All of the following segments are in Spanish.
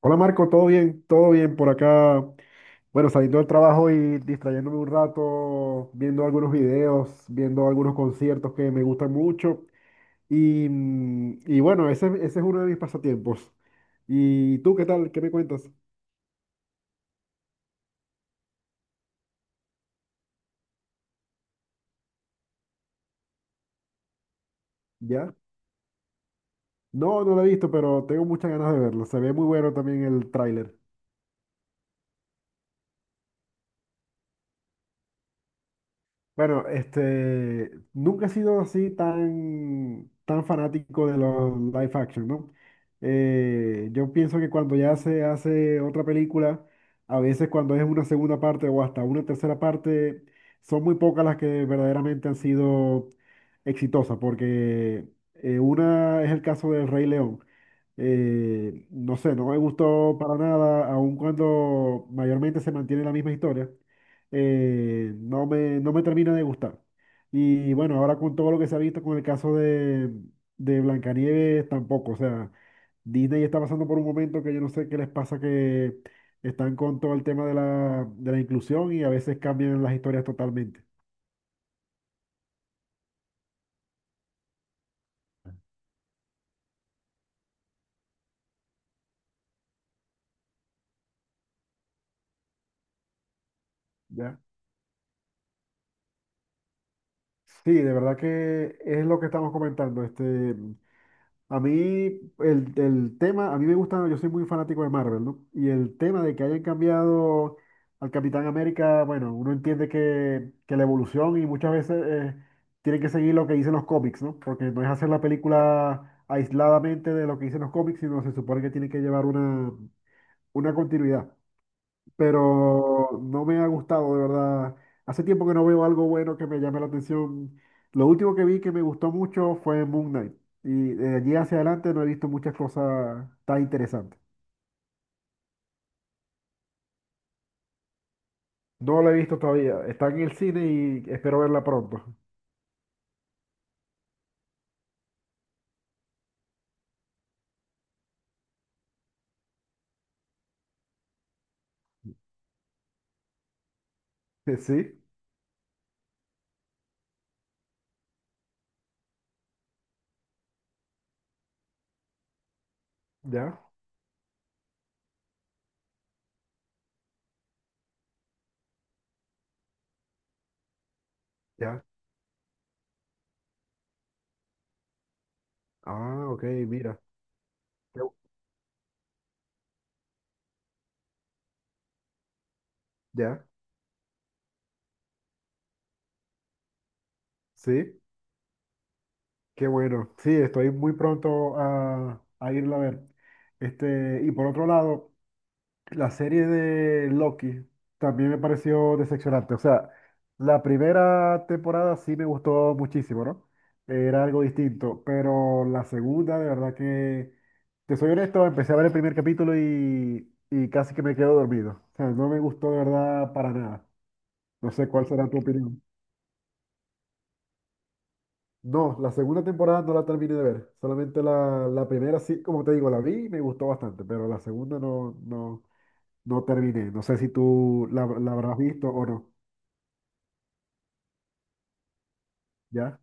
Hola Marco, ¿todo bien? ¿Todo bien por acá? Bueno, saliendo del trabajo y distrayéndome un rato, viendo algunos videos, viendo algunos conciertos que me gustan mucho. Y, y bueno, ese es uno de mis pasatiempos. ¿Y tú qué tal? ¿Qué me cuentas? ¿Ya? No, no lo he visto, pero tengo muchas ganas de verlo. Se ve muy bueno también el tráiler. Bueno, este, nunca he sido así tan fanático de los live action, ¿no? Yo pienso que cuando ya se hace otra película, a veces cuando es una segunda parte o hasta una tercera parte, son muy pocas las que verdaderamente han sido exitosas, porque una es el caso del Rey León. No sé, no me gustó para nada, aun cuando mayormente se mantiene la misma historia, no no me termina de gustar. Y bueno, ahora con todo lo que se ha visto con el caso de Blancanieves tampoco, o sea, Disney está pasando por un momento que yo no sé qué les pasa, que están con todo el tema de de la inclusión y a veces cambian las historias totalmente. ¿Ya? Sí, de verdad que es lo que estamos comentando. Este, a mí, el tema, a mí me gusta, yo soy muy fanático de Marvel, ¿no? Y el tema de que hayan cambiado al Capitán América, bueno, uno entiende que la evolución y muchas veces tiene que seguir lo que dicen los cómics, ¿no? Porque no es hacer la película aisladamente de lo que dicen los cómics, sino se supone que tiene que llevar una continuidad, pero no me ha gustado, de verdad. Hace tiempo que no veo algo bueno que me llame la atención. Lo último que vi que me gustó mucho fue Moon Knight. Y de allí hacia adelante no he visto muchas cosas tan interesantes. No la he visto todavía. Está en el cine y espero verla pronto. Sí, ya, ya. Ah, ok, mira. Qué bu- Ya, sí, qué bueno. Sí, estoy muy pronto a irla a ver. Este, y por otro lado. La serie de Loki también me pareció decepcionante. O sea, la primera temporada sí me gustó muchísimo, ¿no? Era algo distinto, pero la segunda, de verdad que, te soy honesto, empecé a ver el primer capítulo y casi que me quedo dormido. O sea, no me gustó de verdad para nada. No sé cuál será tu opinión. No, la segunda temporada no la terminé de ver. Solamente la primera sí, como te digo, la vi y me gustó bastante, pero la segunda no, no. No terminé. No sé si tú la habrás visto o no. ¿Ya?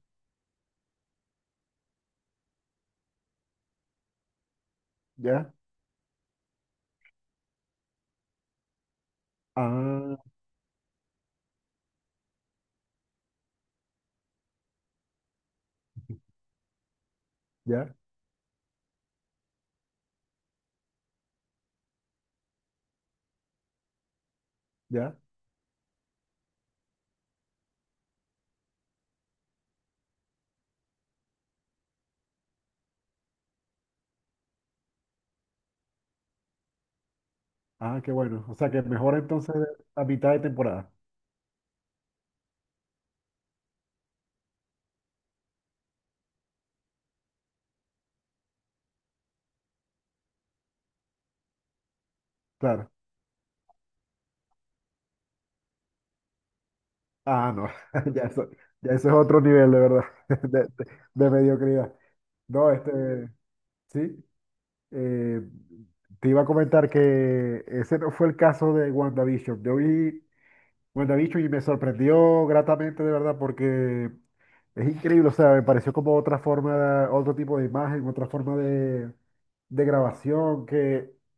¿Ya? Ah, ya, ya. Ah, qué bueno. O sea que mejor entonces a mitad de temporada. Claro. Ah, no. Ya eso, ya eso es otro nivel, de verdad. De, de- de mediocridad. No, este, sí. eh, Te iba a comentar que ese no fue el caso de WandaVision. Yo vi WandaVision y me sorprendió gratamente, de verdad, porque es increíble, o sea, me pareció como otra forma, otro tipo de imagen, otra forma de grabación, que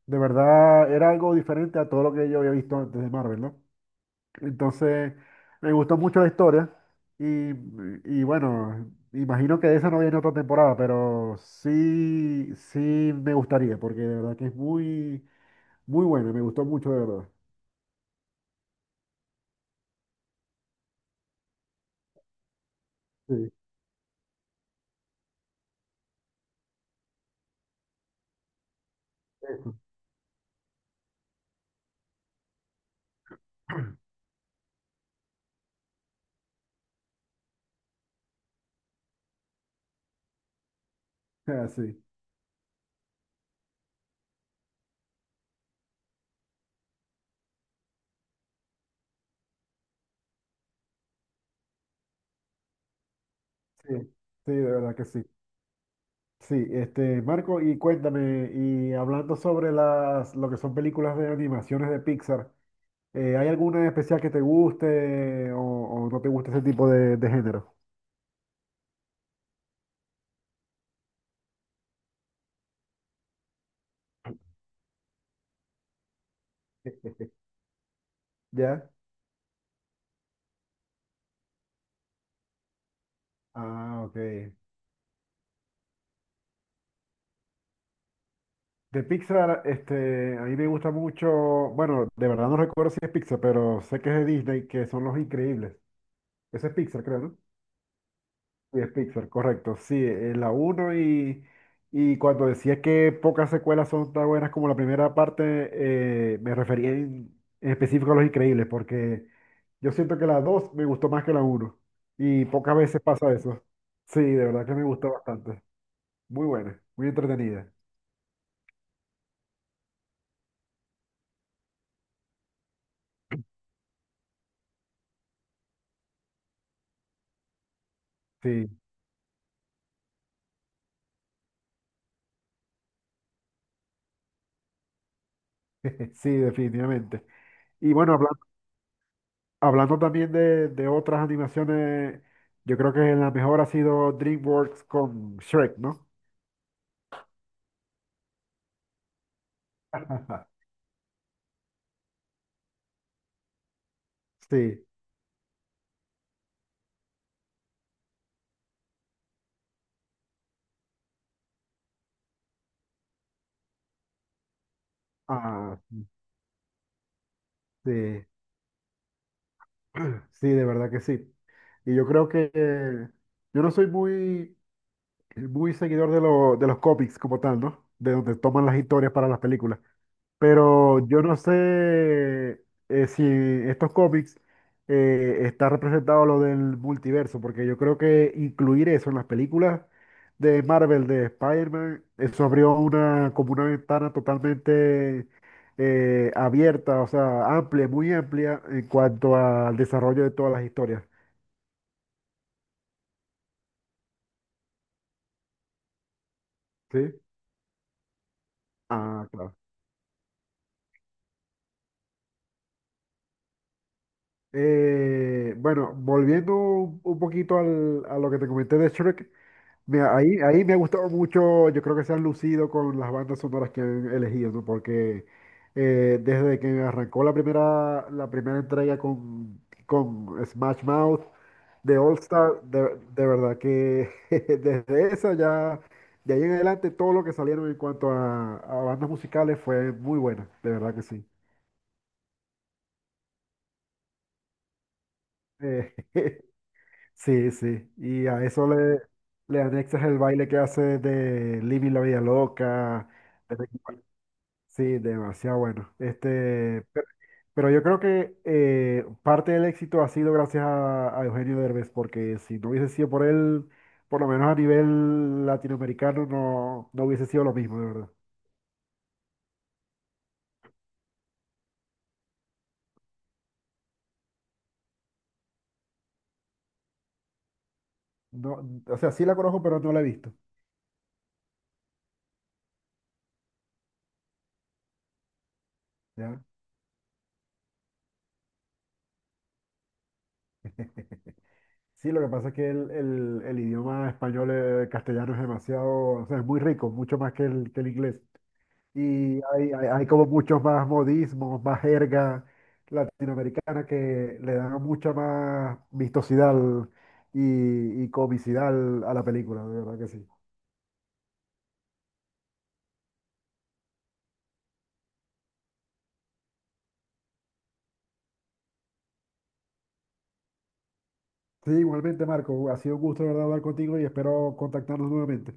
de verdad era algo diferente a todo lo que yo había visto antes de Marvel, ¿no? Entonces, me gustó mucho la historia y, y bueno, imagino que de esa no viene otra temporada, pero sí, sí me gustaría, porque de verdad que es muy, muy buena, me gustó mucho, de verdad. Sí, sí, sí, sí, de verdad que sí. Sí, este, Marco, y cuéntame, y hablando sobre las, lo que son películas de animaciones de Pixar, ¿hay alguna en especial que te guste o no te gusta ese tipo de género? ¿Ya? Ah, ok. De Pixar, este, a mí me gusta mucho, bueno, de verdad no recuerdo si es Pixar, pero sé que es de Disney, que son Los Increíbles. Ese es Pixar, creo, ¿no? Sí, es Pixar, correcto. Sí, la uno y cuando decía que pocas secuelas son tan buenas como la primera parte, me refería en específico a Los Increíbles, porque yo siento que la 2 me gustó más que la uno y pocas veces pasa eso. Sí, de verdad que me gustó bastante. Muy buena, muy entretenida. Sí, sí, definitivamente. Y bueno, hablando también de otras animaciones, yo creo que la mejor ha sido DreamWorks con Shrek, ¿no? Sí. Ah, sí, sí, de verdad que sí. Y yo creo que yo no soy muy seguidor de, de los cómics como tal, ¿no? De donde toman las historias para las películas. Pero yo no sé si estos cómics está representado lo del multiverso, porque yo creo que incluir eso en las películas de Marvel, de Spider-Man, eso abrió una, como una ventana totalmente abierta, o sea, amplia, muy amplia en cuanto al desarrollo de todas las historias. ¿Sí? Ah, claro. Bueno, volviendo un poquito al- a lo que te comenté de Shrek. Mira, ahí me ha gustado mucho, yo creo que se han lucido con las bandas sonoras que han elegido, ¿no? Porque desde que arrancó la primera entrega con Smash Mouth de All Star, de verdad que desde esa ya, de ahí en adelante todo lo que salieron en cuanto a bandas musicales fue muy buena, de verdad que sí. Eh, sí, sí, y a eso le, le anexas el baile que hace de Living la Vida Loca. Sí, demasiado bueno. Este, pero yo creo que parte del éxito ha sido gracias a Eugenio Derbez, porque si no hubiese sido por él, por lo menos a nivel latinoamericano, no, no hubiese sido lo mismo, de verdad. No, o sea, sí la conozco, pero no la he visto. ¿Ya? Sí, lo que pasa es que el, el idioma español, castellano es demasiado, o sea, es muy rico, mucho más que el inglés. Y hay, hay como muchos más modismos, más jerga latinoamericana que le dan mucha más vistosidad al- y comicidad al- a la película, de verdad que sí. Sí, igualmente, Marco, ha sido un gusto, de verdad, hablar contigo y espero contactarnos nuevamente.